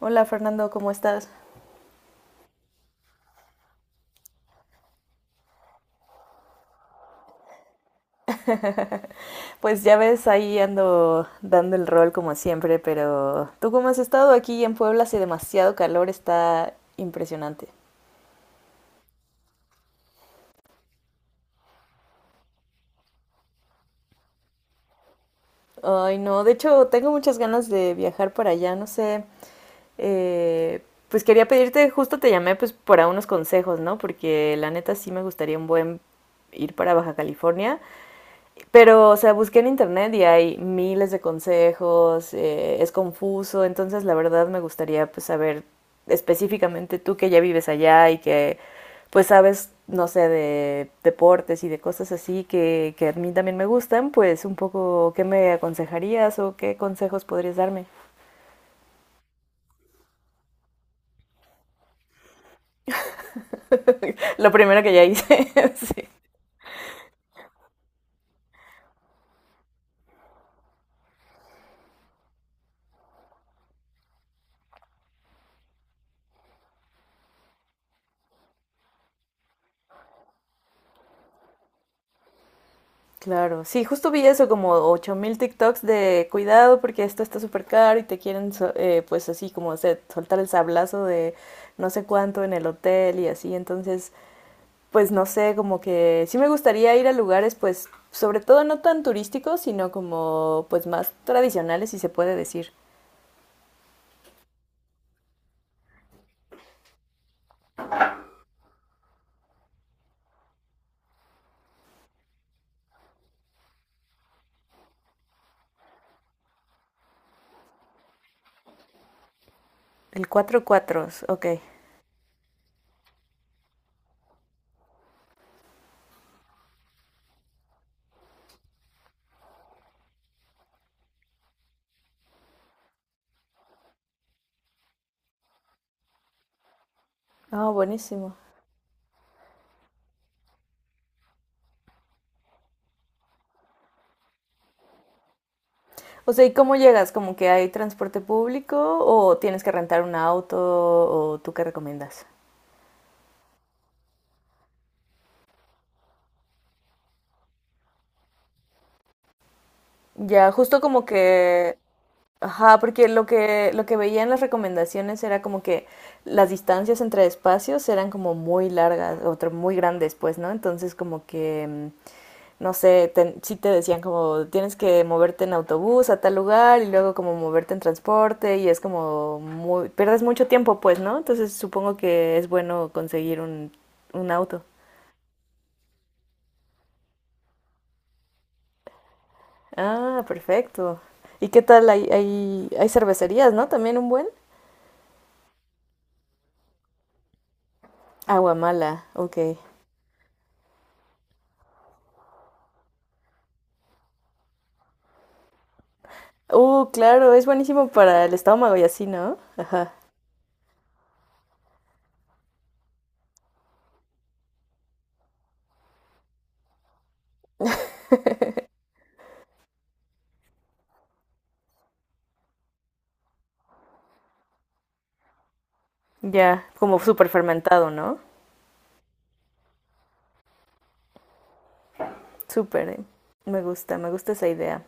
Hola Fernando, ¿cómo estás? Pues ya ves, ahí ando dando el rol como siempre, pero ¿tú cómo has estado aquí en Puebla? Hace demasiado calor, está impresionante. Ay, no, de hecho tengo muchas ganas de viajar para allá, no sé. Eh, pues quería pedirte, justo te llamé pues para unos consejos, ¿no? Porque la neta sí me gustaría un buen ir para Baja California. Pero, o sea, busqué en internet y hay miles de consejos, es confuso, entonces la verdad me gustaría pues saber específicamente tú que ya vives allá y que pues sabes, no sé, de deportes y de cosas así que a mí también me gustan, pues un poco qué me aconsejarías o qué consejos podrías darme. Lo primero que ya hice, sí. Claro, sí, justo vi eso como 8,000 TikToks de cuidado porque esto está súper caro y te quieren pues así como soltar el sablazo de no sé cuánto en el hotel y así, entonces pues no sé, como que sí me gustaría ir a lugares pues sobre todo no tan turísticos, sino como pues más tradicionales si se puede decir. El cuatro cuatros, ok. Ah, buenísimo. O sea, ¿y cómo llegas? ¿Como que hay transporte público o tienes que rentar un auto o tú qué recomiendas? Ya, justo como que, ajá, porque lo que veía en las recomendaciones era como que las distancias entre espacios eran como muy largas, otro muy grandes, pues, ¿no? Entonces como que, no sé, sí te decían como tienes que moverte en autobús a tal lugar y luego como moverte en transporte y es como muy, pierdes mucho tiempo, pues, ¿no? Entonces supongo que es bueno conseguir un auto. Ah, perfecto. ¿Y qué tal? Hay cervecerías, ¿no? También un buen. Aguamala, ok. Claro, es buenísimo para el estómago y así, ¿no? Ajá. Ya, como súper fermentado, ¿no? Súper, eh. Me gusta esa idea.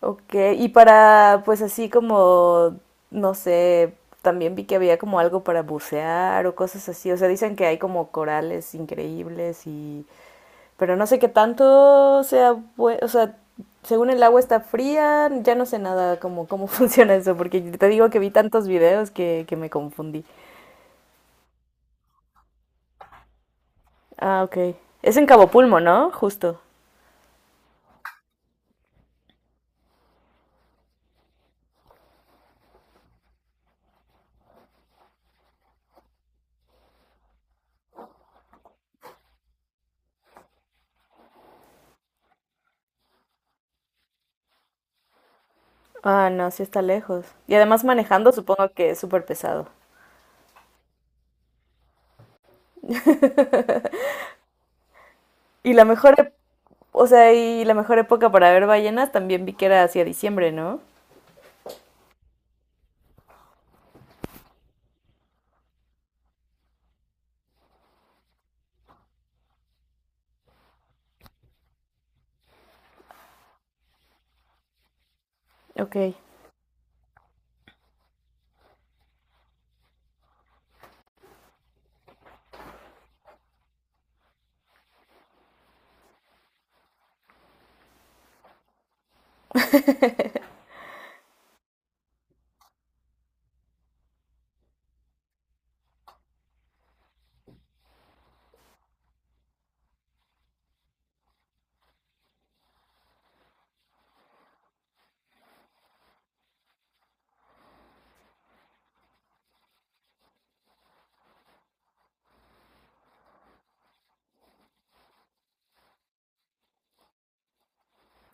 Ok, y para, pues así como, no sé, también vi que había como algo para bucear o cosas así. O sea, dicen que hay como corales increíbles y pero no sé qué tanto sea, o sea, según el agua está fría, ya no sé nada cómo, cómo funciona eso, porque te digo que vi tantos videos que me confundí. Ah, ok. Es en Cabo Pulmo, ¿no? Justo. Ah, no, sí está lejos. Y además manejando supongo que es súper pesado. Y la mejor, ep- o sea, y la mejor época para ver ballenas también vi que era hacia diciembre, ¿no? Ok.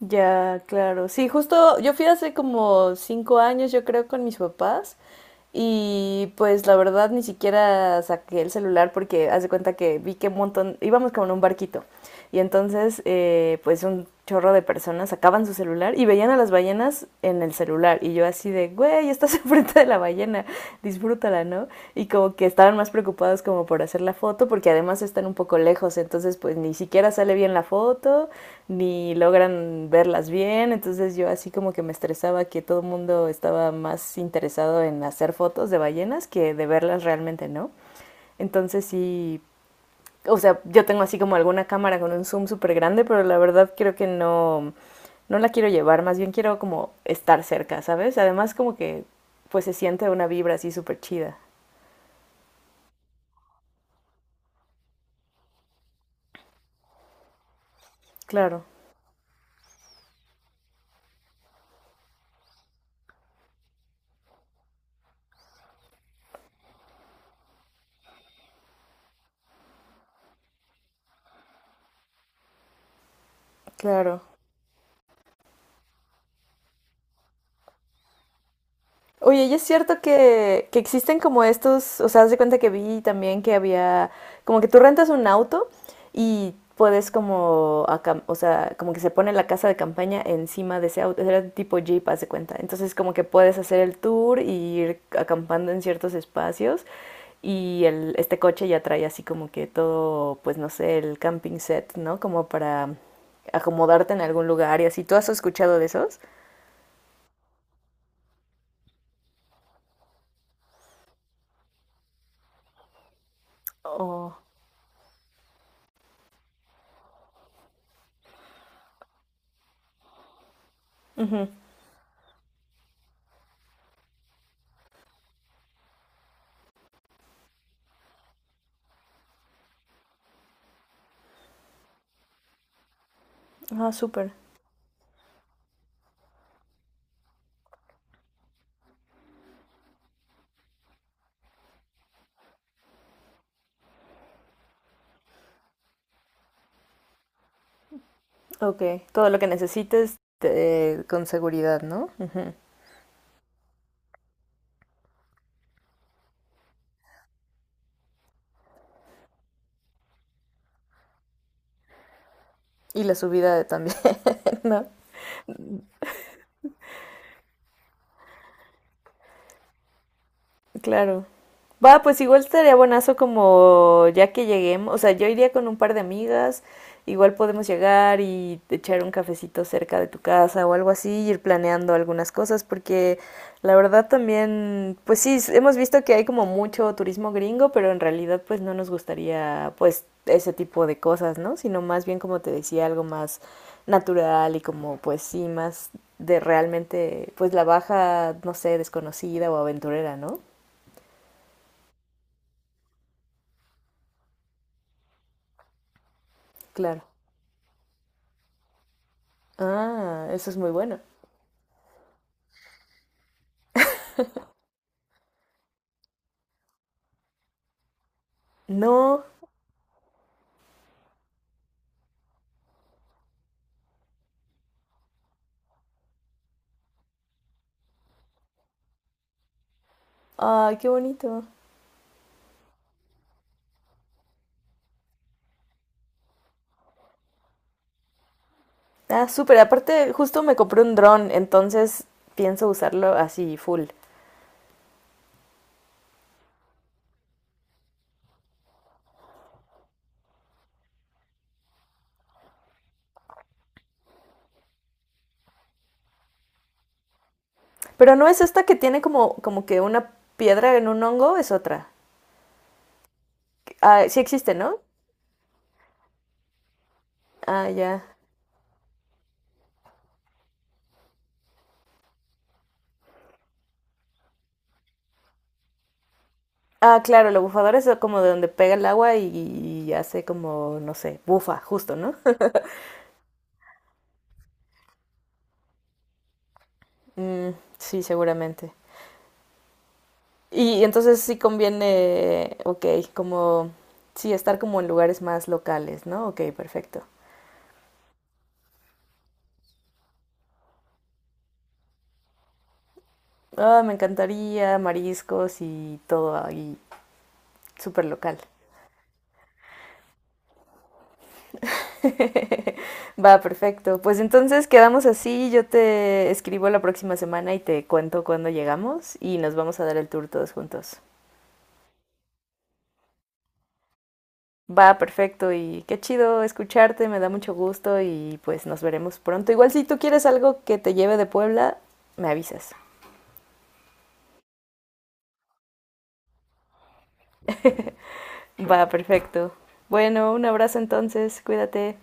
Ya, claro. Sí, justo yo fui hace como 5 años, yo creo, con mis papás. Y pues la verdad ni siquiera saqué el celular porque haz de cuenta que vi que un montón, íbamos como en un barquito. Y entonces pues un chorro de personas sacaban su celular y veían a las ballenas en el celular. Y yo así de, güey, estás enfrente de la ballena, disfrútala, ¿no? Y como que estaban más preocupados como por hacer la foto porque además están un poco lejos, entonces pues ni siquiera sale bien la foto, ni logran verlas bien, entonces yo así como que me estresaba que todo el mundo estaba más interesado en hacer fotos de ballenas que de verlas realmente, ¿no? Entonces sí, o sea, yo tengo así como alguna cámara con un zoom súper grande, pero la verdad creo que no, no la quiero llevar, más bien quiero como estar cerca, ¿sabes? Además como que pues se siente una vibra así súper chida. Claro. Claro. Oye, y es cierto que existen como estos, o sea, haz de cuenta que vi también que había, como que tú rentas un auto y puedes como, o sea, como que se pone la casa de campaña encima de ese auto, era tipo Jeep, haz de cuenta. Entonces como que puedes hacer el tour y ir acampando en ciertos espacios y el, este coche ya trae así como que todo, pues no sé, el camping set, ¿no? Como para acomodarte en algún lugar y así. ¿Tú has escuchado de esos? Oh. Ujú. Ah, súper. Ok. Todo lo que necesites con seguridad, ¿no? Ujú. Y la subida también, ¿no? Claro. Va, pues igual estaría buenazo como ya que lleguemos, o sea, yo iría con un par de amigas, igual podemos llegar y echar un cafecito cerca de tu casa o algo así, ir planeando algunas cosas, porque la verdad también, pues sí, hemos visto que hay como mucho turismo gringo, pero en realidad pues no nos gustaría pues ese tipo de cosas, ¿no? Sino más bien como te decía, algo más natural y como pues sí, más de realmente pues la baja, no sé, desconocida o aventurera, ¿no? Claro. Ah, eso es muy bueno. No. Ay, qué bonito. Ah, súper. Aparte, justo me compré un dron, entonces pienso usarlo así, full. Pero no es esta que tiene como, como que una piedra en un hongo, es otra. Ah, sí existe, ¿no? Ah, ya. Ah, claro, la bufadora es como de donde pega el agua y hace como, no sé, bufa, justo, ¿no? Mm, sí, seguramente. Y entonces sí conviene, ok, como, sí, estar como en lugares más locales, ¿no? Ok, perfecto. Ah, oh, me encantaría mariscos y todo ahí súper local. Va, perfecto. Pues entonces quedamos así, yo te escribo la próxima semana y te cuento cuándo llegamos y nos vamos a dar el tour todos juntos. Va, perfecto y qué chido escucharte, me da mucho gusto y pues nos veremos pronto. Igual si tú quieres algo que te lleve de Puebla, me avisas. Va, perfecto. Bueno, un abrazo entonces, cuídate.